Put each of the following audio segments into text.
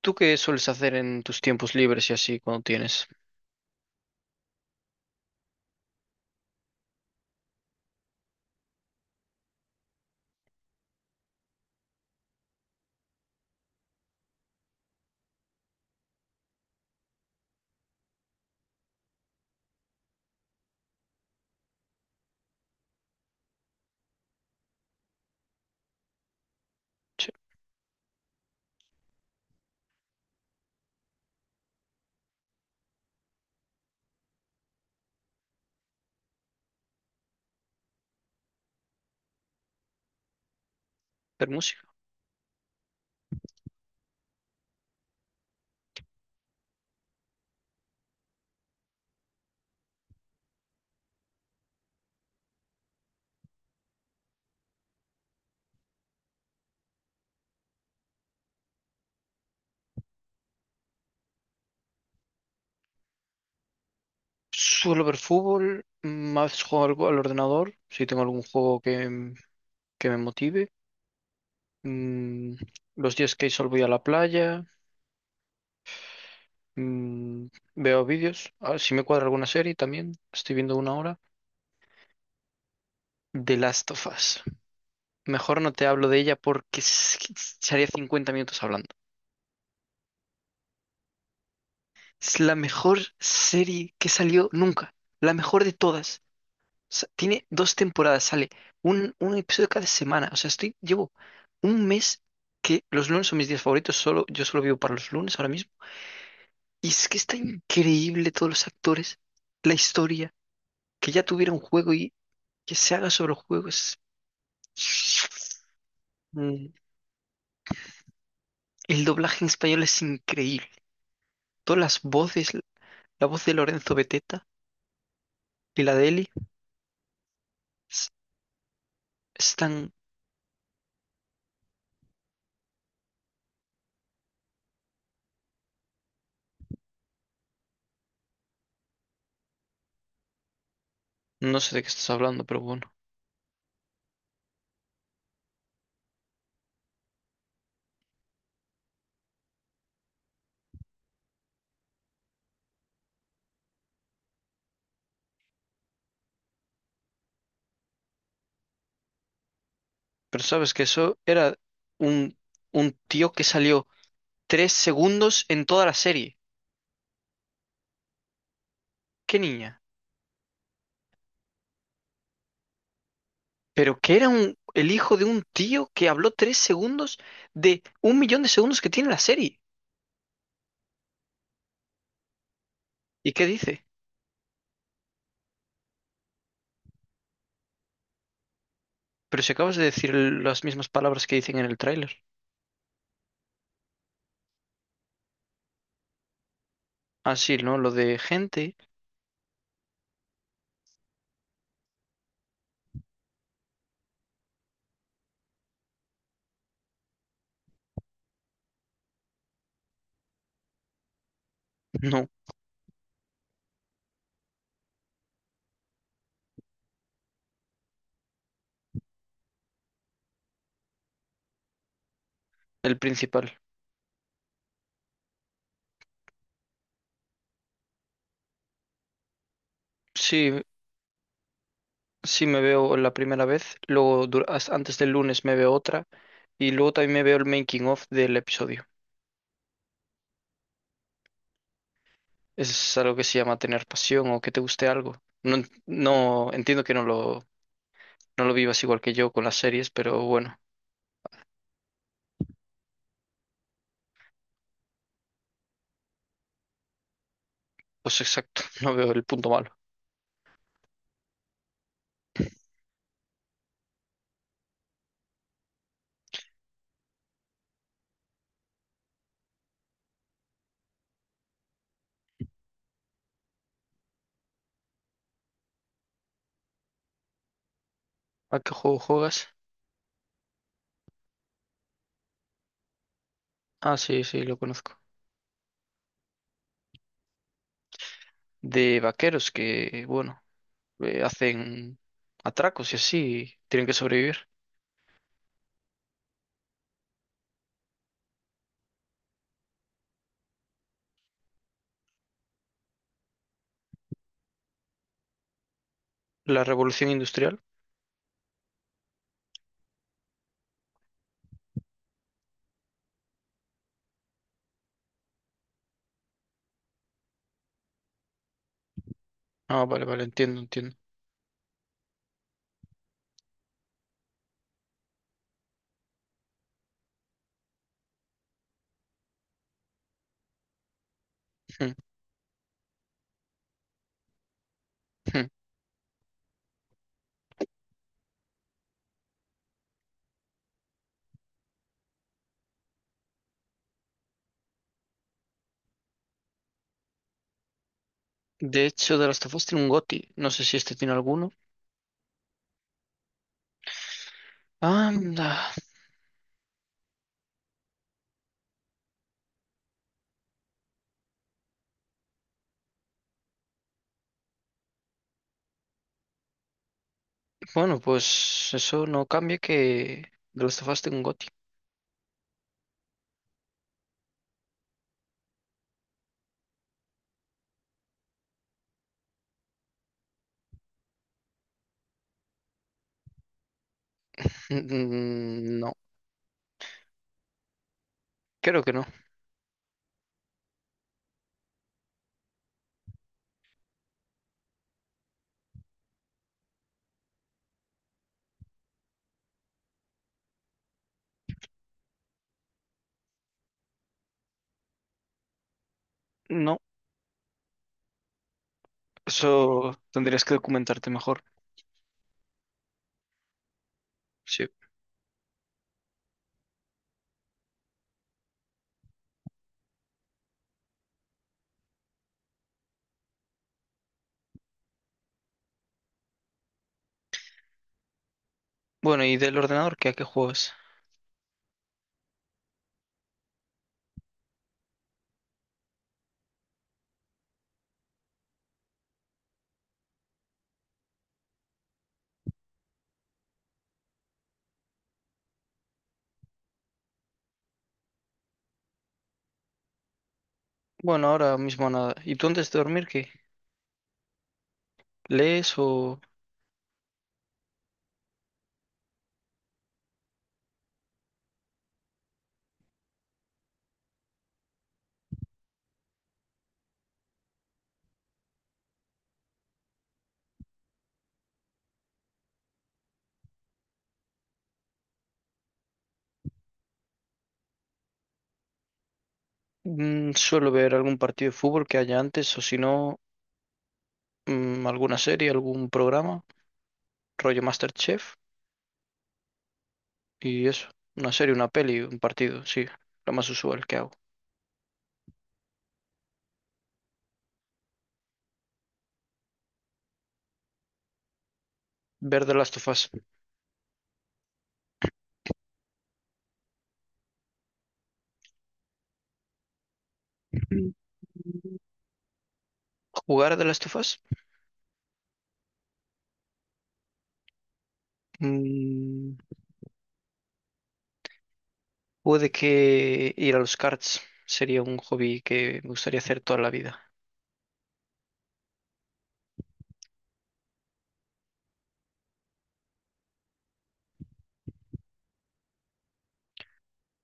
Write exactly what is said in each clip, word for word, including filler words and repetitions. ¿Tú qué sueles hacer en tus tiempos libres y así cuando tienes? Sí, ver música. Suelo ver fútbol, mm, a veces juego algo al ordenador, si tengo algún juego que, m- que me motive. Mm, los días que hay sol voy a la playa, mm, veo vídeos, a ver si me cuadra alguna serie también, estoy viendo una hora. The Last of Us. Mejor no te hablo de ella porque es que estaría cincuenta minutos hablando. Es la mejor serie que salió nunca, la mejor de todas. Sea, tiene dos temporadas, sale un, un episodio cada semana. O sea, estoy, llevo un mes que los lunes son mis días favoritos, solo, yo solo vivo para los lunes ahora mismo. Y es que está increíble todos los actores, la historia, que ya tuviera un juego y que se haga sobre el juego. Es... Mm, el doblaje en español es increíble. Todas las voces, la voz de Lorenzo Beteta y la de Eli, es- están... No sé de qué estás hablando, pero bueno. Pero sabes que eso era un, un tío que salió tres segundos en toda la serie. ¿Qué niña? Pero que era un, el hijo de un tío que habló tres segundos de un millón de segundos que tiene la serie. ¿Y qué dice? Pero si acabas de decir l- las mismas palabras que dicen en el tráiler. Ah, sí, ¿no? Lo de gente. No, el principal. Sí, sí me veo la primera vez, luego dura- as- antes del lunes me veo otra y luego también me veo el making of del episodio. Es algo que se llama tener pasión o que te guste algo. No, en- no entiendo que no lo. No lo vivas igual que yo con las series, pero bueno, pues exacto, no veo el punto malo. ¿A qué juego juegas? Ah, sí, sí, lo conozco. De vaqueros que, bueno, eh, hacen atracos y así, tienen que sobrevivir. La revolución industrial. Ah, vale, vale, entiendo, entiendo. Hmm, hmm. De hecho, The Last of Us tiene un GOTY. No sé si este tiene alguno. Anda. Bueno, pues eso no cambia que The Last of Us tiene un GOTY. Mm, no, creo que no. No, eso tendrías que documentarte mejor. Sí. Bueno, ¿y del ordenador qué? ¿A qué juegas? Bueno, ahora mismo nada. ¿Y tú antes de dormir qué? ¿Lees o mm, suelo ver algún partido de fútbol que haya antes o si no, mm, alguna serie, algún programa, rollo MasterChef y eso? Una serie, una peli, un partido, sí, lo más usual que hago. Ver The Last of Us. ¿Jugar de las tofas puede que ir a los karts sería un hobby que me gustaría hacer toda la vida.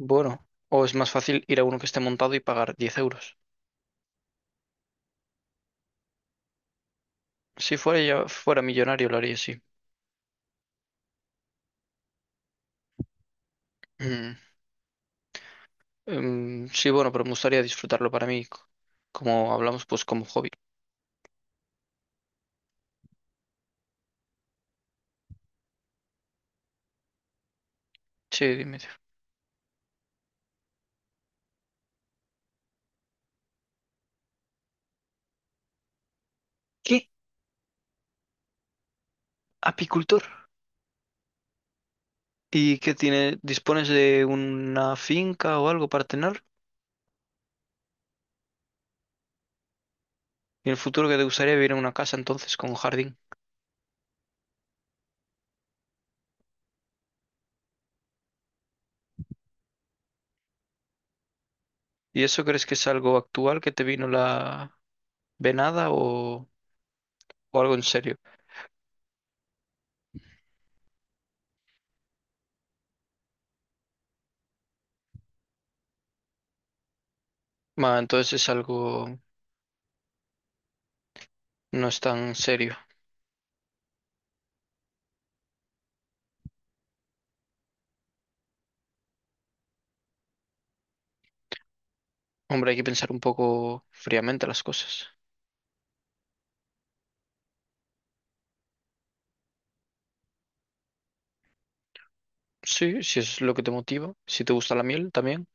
Bueno, o es más fácil ir a uno que esté montado y pagar diez euros. Si fuera yo, fuera millonario lo haría, sí. Mm, em, sí, bueno, pero me gustaría disfrutarlo para mí, co- como hablamos, pues como hobby. Sí, dime. ¿Qué? ¿Apicultor? ¿Y qué tiene? ¿Dispones de una finca o algo para tener? ¿Y en el futuro que te gustaría vivir en una casa entonces con jardín? ¿Y eso crees que es algo actual que te vino la venada o, o algo en serio? Ma, entonces es algo no es tan serio. Hombre, hay que pensar un poco fríamente las cosas. Sí, si es lo que te motiva, si te gusta la miel también.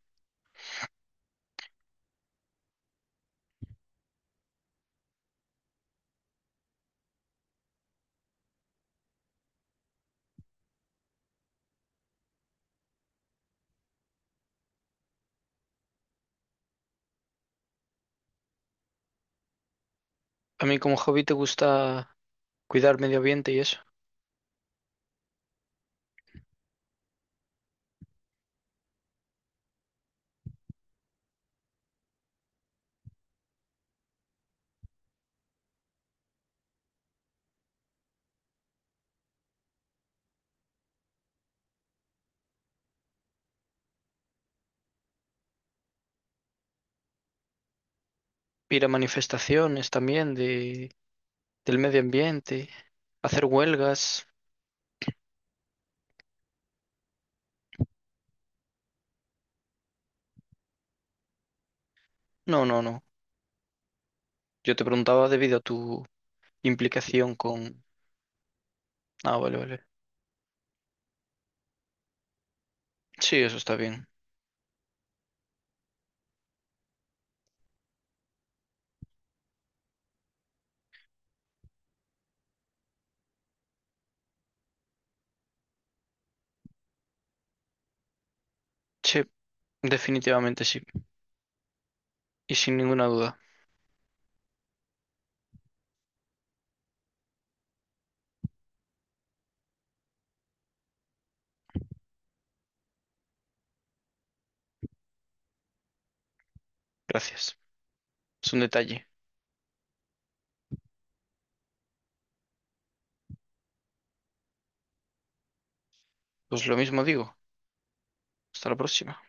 A mí como hobby te gusta cuidar medio ambiente y eso. Ir a manifestaciones también de, del medio ambiente, hacer huelgas. No, no, no. Yo te preguntaba debido a tu implicación con... Ah, vale, vale. Sí, eso está bien. Sí, definitivamente sí. Y sin ninguna duda. Gracias. Es un detalle. Pues lo mismo digo. Hasta la próxima.